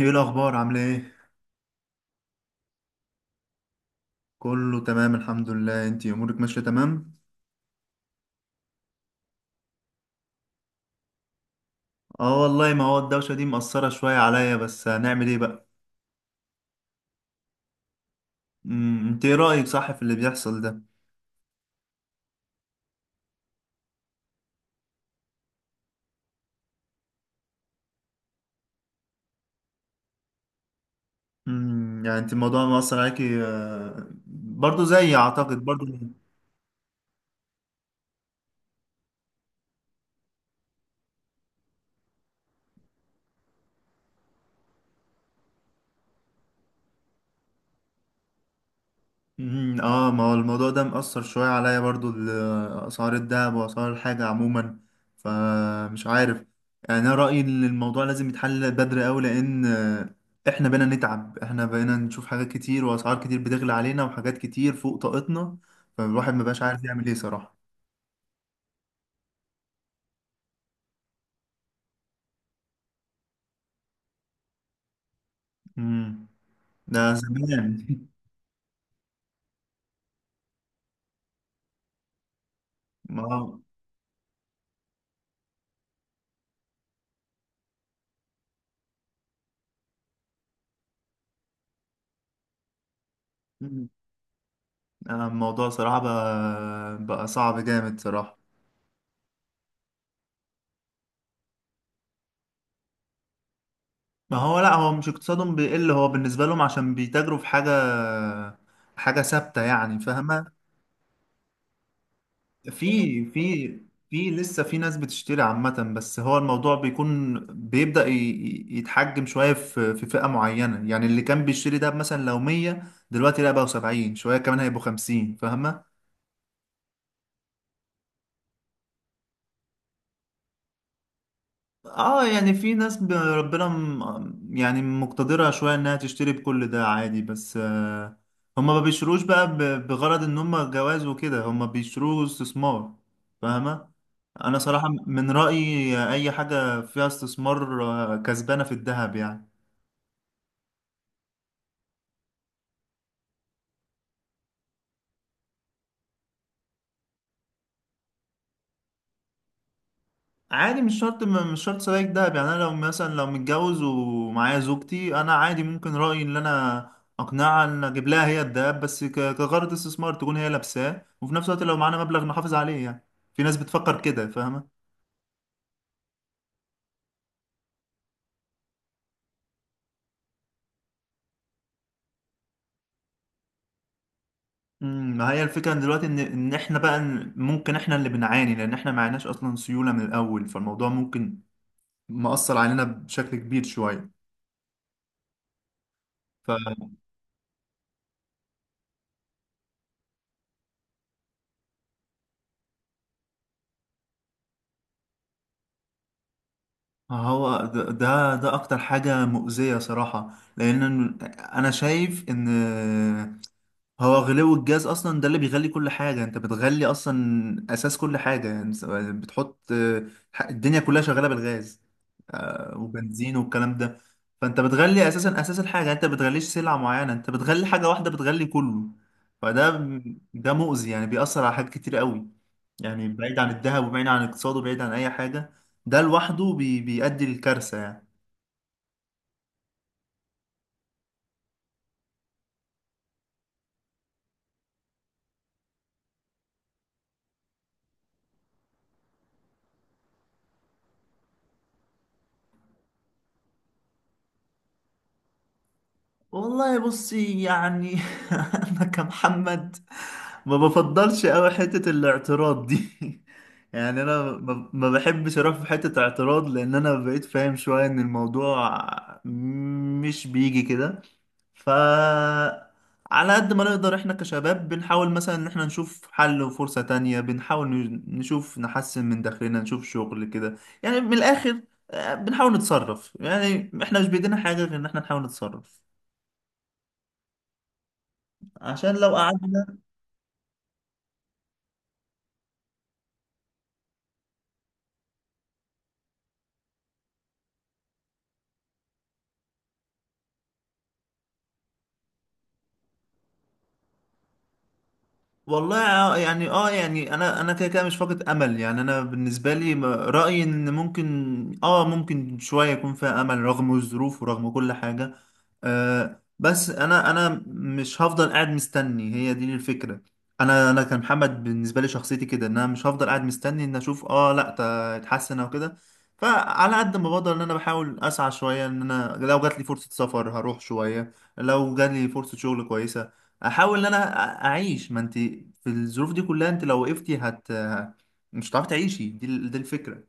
ايه الاخبار، عامله ايه؟ كله تمام، الحمد لله. انتي امورك ماشيه تمام؟ اه والله، ما هو الدوشه دي مأثره شويه عليا، بس هنعمل ايه بقى؟ انت ايه رايك، صح، في اللي بيحصل ده؟ يعني انت الموضوع مأثر عليكي، برضو زيي، اعتقد، برضو. ما هو الموضوع ده مأثر شوية عليا برضو أسعار الذهب وأسعار الحاجة عموما. فمش عارف. يعني أنا رأيي إن الموضوع لازم يتحل بدري أوي، لأن إحنا بقينا نتعب، إحنا بقينا نشوف حاجات كتير وأسعار كتير بتغلى علينا وحاجات كتير فوق طاقتنا. فالواحد مبقاش عارف يعمل إيه، صراحة. مم. ده زمان. ما هو- مم. الموضوع صراحة بقى صعب جامد، صراحة. ما هو لا، هو مش اقتصادهم بيقل، هو بالنسبة لهم عشان بيتاجروا في حاجة ثابتة، يعني، فاهمة؟ في في في لسه في ناس بتشتري عامة، بس هو الموضوع بيكون بيبدأ يتحجم شوية في فئة معينة، يعني اللي كان بيشتري ده مثلا لو 100، دلوقتي لا بقوا 70، شوية كمان هيبقوا 50، فاهمة؟ اه يعني في ناس ربنا يعني مقتدرة شوية انها تشتري بكل ده، عادي. بس هما ما بيشتروش بقى بغرض ان هما جواز وكده، هما بيشتروه استثمار. فاهمة؟ انا صراحة من رأيي اي حاجة فيها استثمار، كسبانة في الذهب، يعني. عادي، مش شرط مش شرط سبائك دهب. يعني انا لو مثلا، لو متجوز ومعايا زوجتي، انا عادي ممكن رأيي ان انا اقنعها ان اجيب لها هي الدهب، بس كغرض استثمار، تكون هي لابساه وفي نفس الوقت لو معانا مبلغ نحافظ عليه، يعني. في ناس بتفكر كده، فاهمة؟ ما هي الفكرة إن دلوقتي، ان احنا بقى ممكن احنا اللي بنعاني، لان احنا معناش اصلا سيولة من الاول، فالموضوع ممكن مأثر علينا بشكل كبير شوية. هو ده اكتر حاجة مؤذية، صراحة. لان انا شايف ان هو غلو الجاز اصلا ده اللي بيغلي كل حاجه، انت بتغلي اصلا اساس كل حاجه، يعني بتحط. الدنيا كلها شغاله بالغاز، وبنزين والكلام ده. فانت بتغلي اساسا اساس الحاجه، انت بتغليش سلعه معينه، انت بتغلي حاجه واحده بتغلي كله. فده مؤذي، يعني بيأثر على حاجات كتير قوي. يعني بعيد عن الذهب وبعيد عن الاقتصاد وبعيد عن اي حاجه. ده لوحده بيؤدي للكارثه، يعني. والله بصي، يعني. انا كمحمد، ما بفضلش قوي حتة الاعتراض دي. يعني انا ما بحبش اروح في حتة اعتراض، لان انا بقيت فاهم شوية ان الموضوع مش بيجي كده. ف على قد ما نقدر احنا كشباب، بنحاول مثلا ان احنا نشوف حل وفرصة تانية، بنحاول نشوف نحسن من داخلنا، نشوف شغل كده. يعني من الاخر. بنحاول نتصرف، يعني احنا مش بايدينا حاجة غير ان احنا نحاول نتصرف. عشان لو قعدنا. والله يعني يعني انا كده كده مش فاقد امل، يعني انا بالنسبه لي رايي ان ممكن شويه يكون فيها امل، رغم الظروف ورغم كل حاجه. بس انا مش هفضل قاعد مستني، هي دي الفكره. انا كمحمد، بالنسبه لي شخصيتي كده، ان انا مش هفضل قاعد مستني ان اشوف، لا، اتحسن او كده. فعلى قد ما بقدر، ان انا بحاول اسعى شويه، ان انا لو جات لي فرصه سفر هروح شويه، لو جات لي فرصه شغل كويسه، احاول ان انا اعيش. ما انت في الظروف دي كلها، انت لو وقفتي مش هتعرفي تعيشي، دي دي الفكره.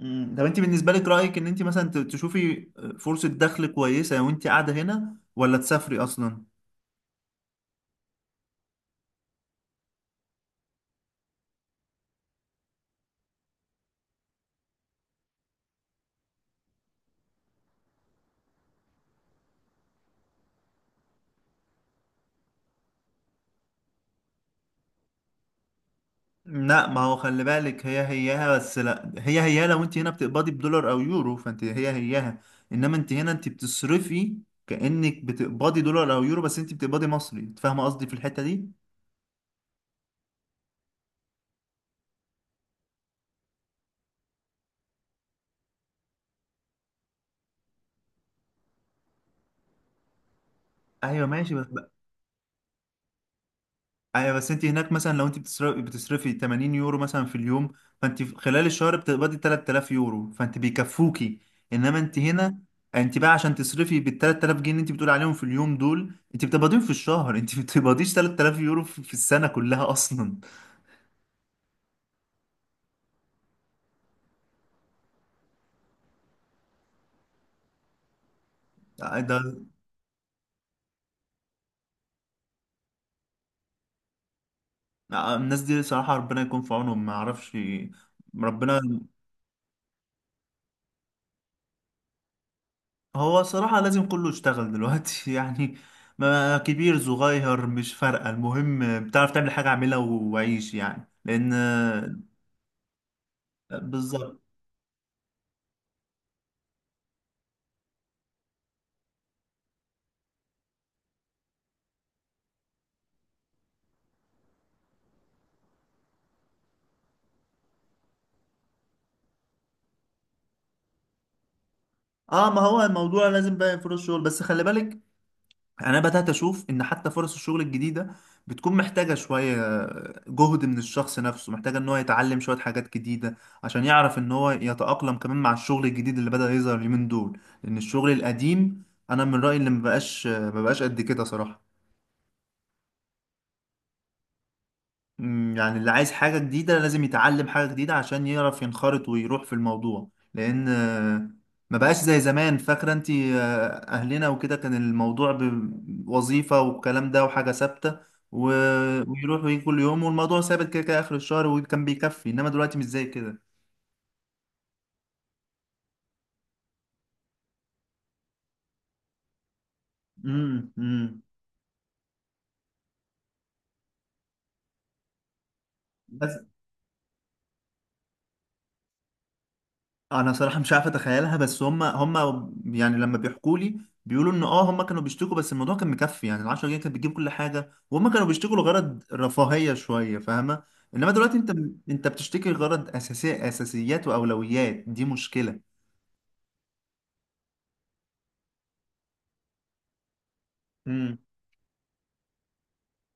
مم. طب انت بالنسبه لك، رايك ان انت مثلا تشوفي فرصه دخل كويسه وانت قاعده هنا، ولا تسافري اصلا؟ لا، ما هو خلي بالك، هي هيها. بس لا، هي هيها لو انت هنا بتقبضي بدولار او يورو، فانت هي هيها. انما انت هنا انت بتصرفي كانك بتقبضي دولار او يورو، بس انت بتقبضي مصري. أنت فاهمه قصدي في الحته دي؟ ايوه، ماشي، بس. ايوه، بس انت هناك مثلا، لو انت بتصرفي 80 يورو مثلا في اليوم، فانت في خلال الشهر بتقبضي 3000 يورو، فانت بيكفوكي. انما انت هنا، انت بقى عشان تصرفي بال 3000 جنيه اللي انت بتقولي عليهم في اليوم دول، انت بتقبضيهم في الشهر. انت ما بتقبضيش 3000 يورو في السنه كلها اصلا. ده الناس دي صراحه ربنا يكون في عونهم، ما اعرفش. ربنا. هو صراحة لازم كله يشتغل دلوقتي. يعني ما كبير، صغير، مش فارقة، المهم بتعرف تعمل حاجة اعملها وعيش، يعني، لأن بالظبط. اه، ما هو الموضوع لازم بقى فرص شغل، بس خلي بالك، أنا بدأت أشوف إن حتى فرص الشغل الجديدة بتكون محتاجة شوية جهد من الشخص نفسه، محتاجة إن هو يتعلم شوية حاجات جديدة عشان يعرف إن هو يتأقلم كمان مع الشغل الجديد اللي بدأ يظهر اليومين دول، لأن الشغل القديم أنا من رأيي اللي مبقاش قد كده، صراحة. يعني اللي عايز حاجة جديدة لازم يتعلم حاجة جديدة، عشان يعرف ينخرط ويروح في الموضوع، لأن ما بقاش زي زمان، فاكرة انت؟ أهلنا وكده كان الموضوع بوظيفة والكلام ده، وحاجة ثابتة، و- ويروح ويجي كل يوم والموضوع ثابت، كده كده آخر الشهر وكان بيكفي، إنما دلوقتي مش زي كده. امم امم بس انا صراحه مش عارف اتخيلها، بس هم يعني لما بيحكوا لي، بيقولوا ان هم كانوا بيشتكوا، بس الموضوع كان مكفي. يعني ال 10 جنيه كانت بتجيب كل حاجه وهم كانوا بيشتكوا لغرض رفاهيه شويه، فاهمه؟ انما دلوقتي انت، انت بتشتكي لغرض اساسيات واولويات، دي مشكله. امم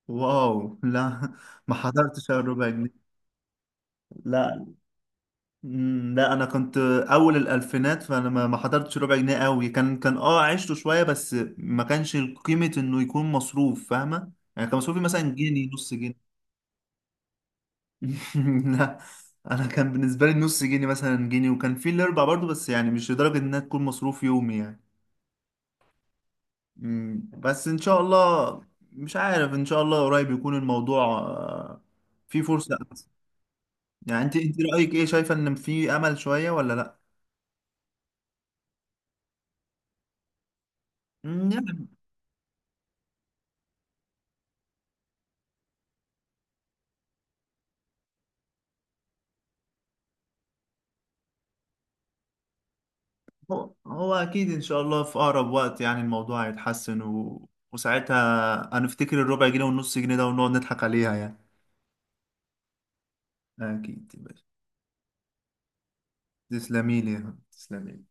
واو، لا. ما حضرتش على الربع جنيه. لا. مم، لا، انا كنت اول الالفينات، فانا ما حضرتش ربع جنيه قوي. كان عشته شويه بس ما كانش قيمه انه يكون مصروف، فاهمه؟ يعني كان مصروفي مثلا جنيه، نص جنيه. لا، انا كان بالنسبه لي نص جنيه، مثلا جنيه، وكان في الاربع برضو، بس يعني مش لدرجه انها تكون مصروف يومي، يعني. بس ان شاء الله، مش عارف، ان شاء الله قريب يكون الموضوع فيه فرصه احسن. يعني انت رايك ايه، شايفه ان في امل شويه ولا؟ لا، هو أكيد إن شاء الله في أقرب وقت يعني الموضوع هيتحسن، وساعتها هنفتكر الربع جنيه والنص جنيه ده ونقعد نضحك عليها، يعني. أكيد يا باشا. تسلمي لي يا حبيبي، تسلمي لي.